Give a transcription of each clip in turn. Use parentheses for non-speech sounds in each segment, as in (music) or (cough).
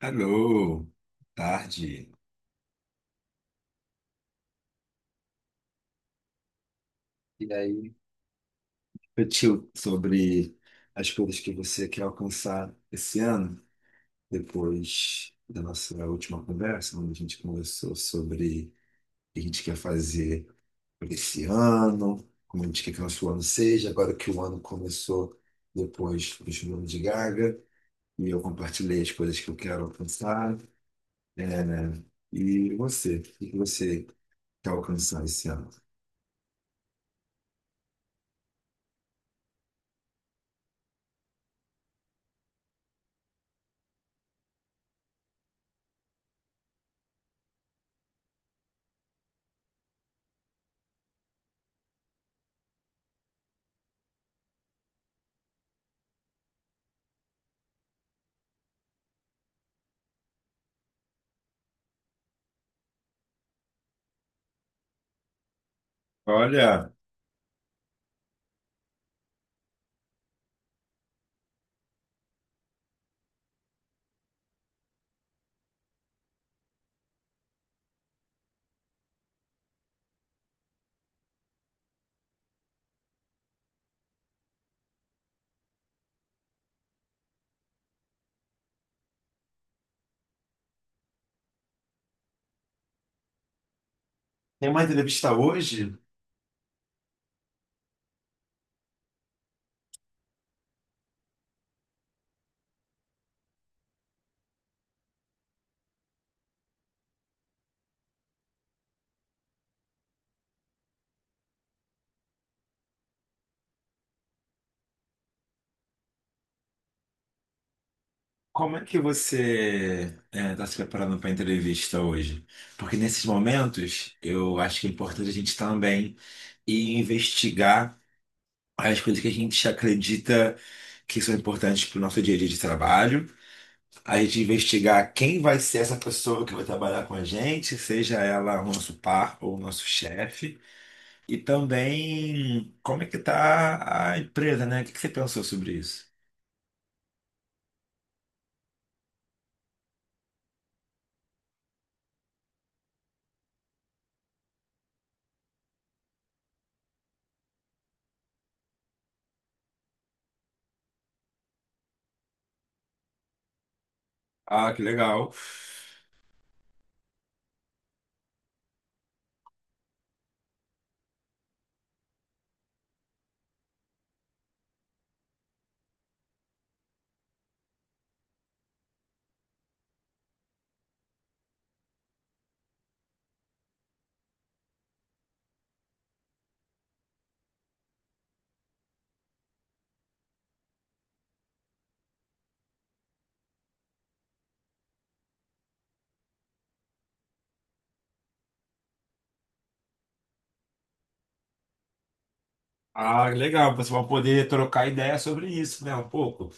Alô, tarde. E aí, refletiu sobre as coisas que você quer alcançar esse ano, depois da nossa última conversa, onde a gente conversou sobre o que a gente quer fazer por esse ano, como a gente quer que o nosso ano seja, agora que o ano começou depois do filme de Gaga, e eu compartilhei as coisas que eu quero alcançar. É, né? E você, o que você quer alcançar esse ano? Olha, tem uma entrevista hoje. Como é que você está se preparando para a entrevista hoje? Porque nesses momentos, eu acho que é importante a gente também ir investigar as coisas que a gente acredita que são importantes para o nosso dia a dia de trabalho. A gente investigar quem vai ser essa pessoa que vai trabalhar com a gente, seja ela o nosso par ou o nosso chefe. E também como é que está a empresa, né? O que que você pensou sobre isso? Ah, que legal. Ah, legal. Você vai poder trocar ideia sobre isso, né? Um pouco.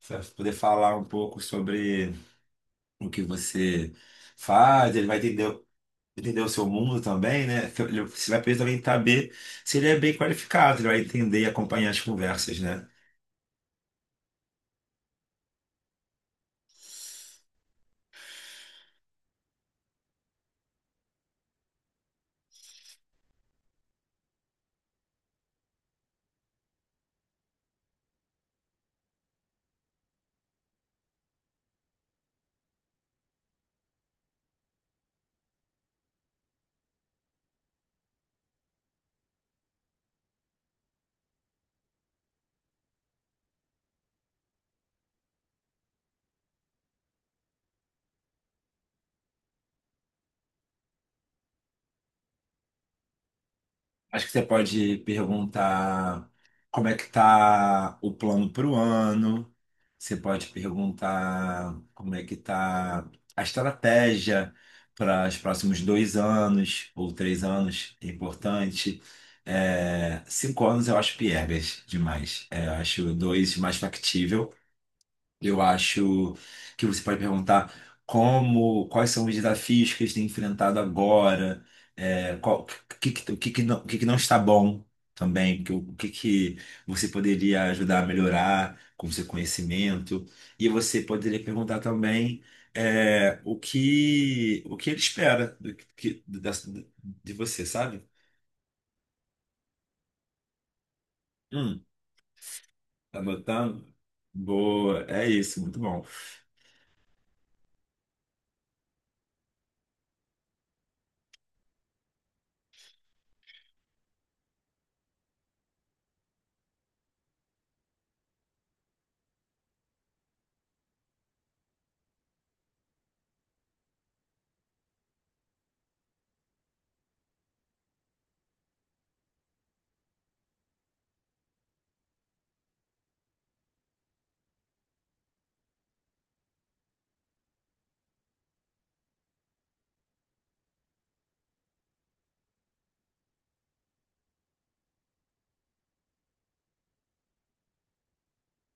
Você vai poder falar um pouco sobre o que você faz. Ele vai entender, entender o seu mundo também, né? Você vai poder também saber se ele é bem qualificado. Ele vai entender e acompanhar as conversas, né? Acho que você pode perguntar como é que tá o plano para o ano. Você pode perguntar como é que tá a estratégia para os próximos dois anos ou três anos. É importante. É, cinco anos eu acho piegas demais. É, eu acho dois mais factível. Eu acho que você pode perguntar como, quais são os desafios que eles têm enfrentado agora, o que, o que que não está bom também, que o que, que você poderia ajudar a melhorar com seu conhecimento. E você poderia perguntar também o que ele espera de você, sabe? Hum, tá anotando? Boa, é isso, muito bom.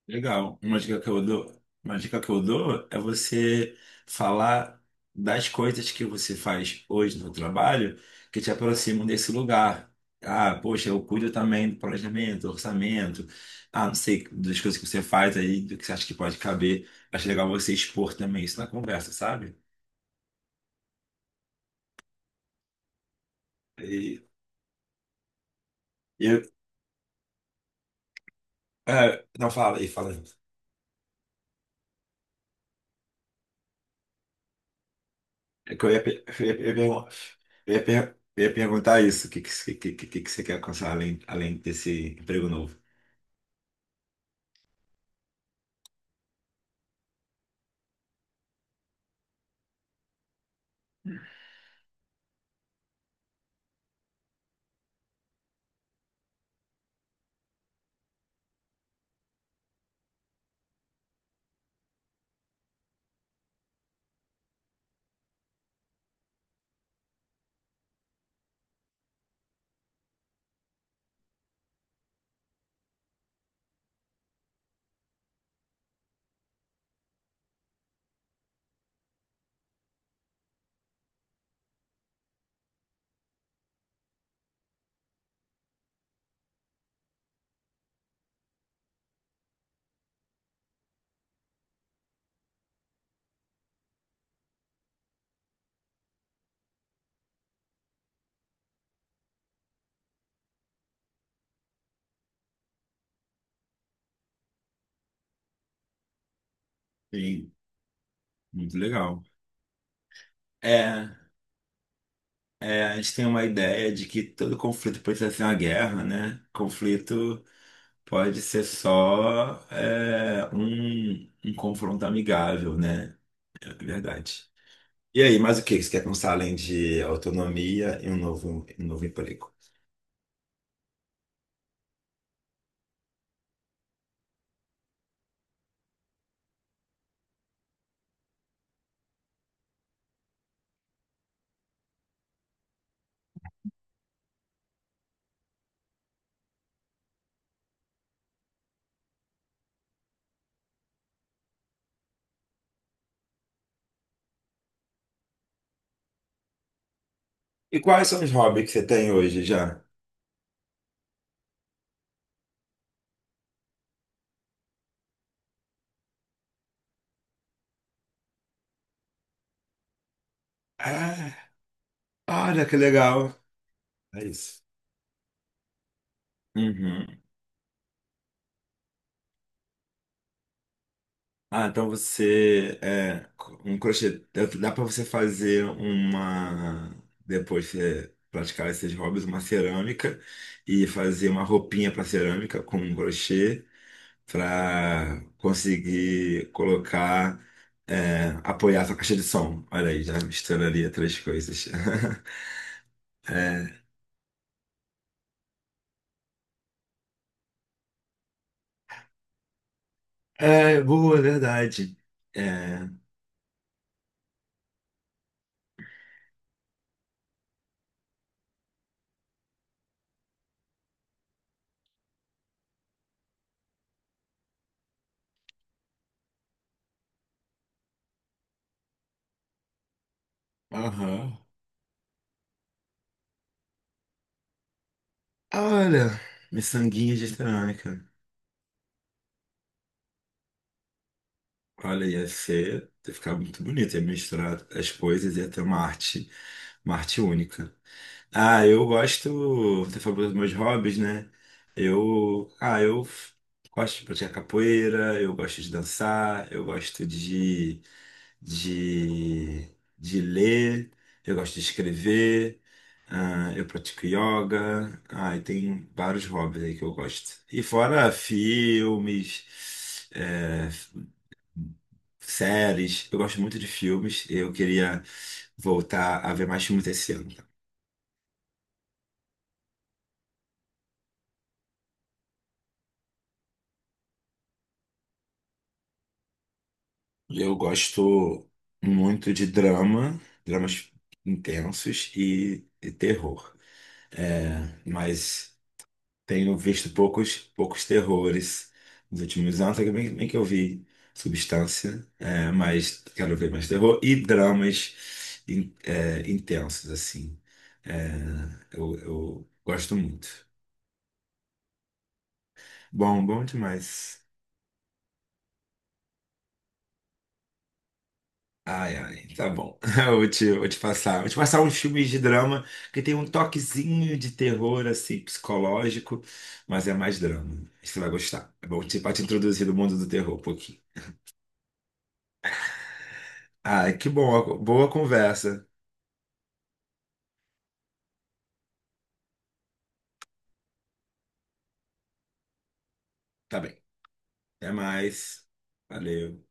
Legal. Uma dica que eu dou, uma dica que eu dou é você falar das coisas que você faz hoje no trabalho que te aproximam desse lugar. Ah, poxa, eu cuido também do planejamento, do orçamento, ah, não sei, das coisas que você faz aí, do que você acha que pode caber. Acho legal você expor também isso na conversa, sabe? E eu, é, não fala aí, fala. Aí. É que eu ia, pe- eu ia, eu ia, eu ia per- eu ia perguntar isso, o que que você quer alcançar além desse emprego novo? Sim, muito legal. É, é, a gente tem uma ideia de que todo conflito precisa ser uma guerra, né? Conflito pode ser só um confronto amigável, né? É verdade. E aí, mais o que que você quer pensar além de autonomia e um novo emprego? E quais são os hobbies que você tem hoje já? Ah, olha que legal. É isso. Uhum. Ah, então você é um crochê. Dá para você fazer uma. Depois você praticar esses hobbies, uma cerâmica e fazer uma roupinha para cerâmica com um crochê para conseguir colocar, apoiar sua caixa de som. Olha aí, já misturaria três coisas. (laughs) É, é boa, é verdade. É, aham. Ah, olha, miçanguinha de cerâmica. Olha, ia ser, ia ficar muito bonito, ia misturar as coisas, ia ter uma arte única. Ah, eu gosto, você falou dos meus hobbies, né? Eu, ah, eu f- Gosto de praticar capoeira, eu gosto de dançar, eu gosto de, de ler, eu gosto de escrever, ah, eu pratico yoga, ah, e tem vários hobbies aí que eu gosto. E fora filmes, séries. Eu gosto muito de filmes. Eu queria voltar a ver mais filmes esse ano, tá? Eu gosto muito de drama, dramas intensos e terror. É, mas tenho visto poucos terrores nos últimos anos, até bem que eu vi Substância, é, mas quero ver mais terror e dramas intensos, assim. É, eu gosto muito. Bom, bom demais. Tá bom. (laughs) Vou te passar. Vou te passar uns filmes de drama que tem um toquezinho de terror, assim, psicológico, mas é mais drama. Você vai gostar. Pra te introduzir no mundo do terror um pouquinho. Ai, que bom. Boa conversa. Tá bem. Até mais. Valeu.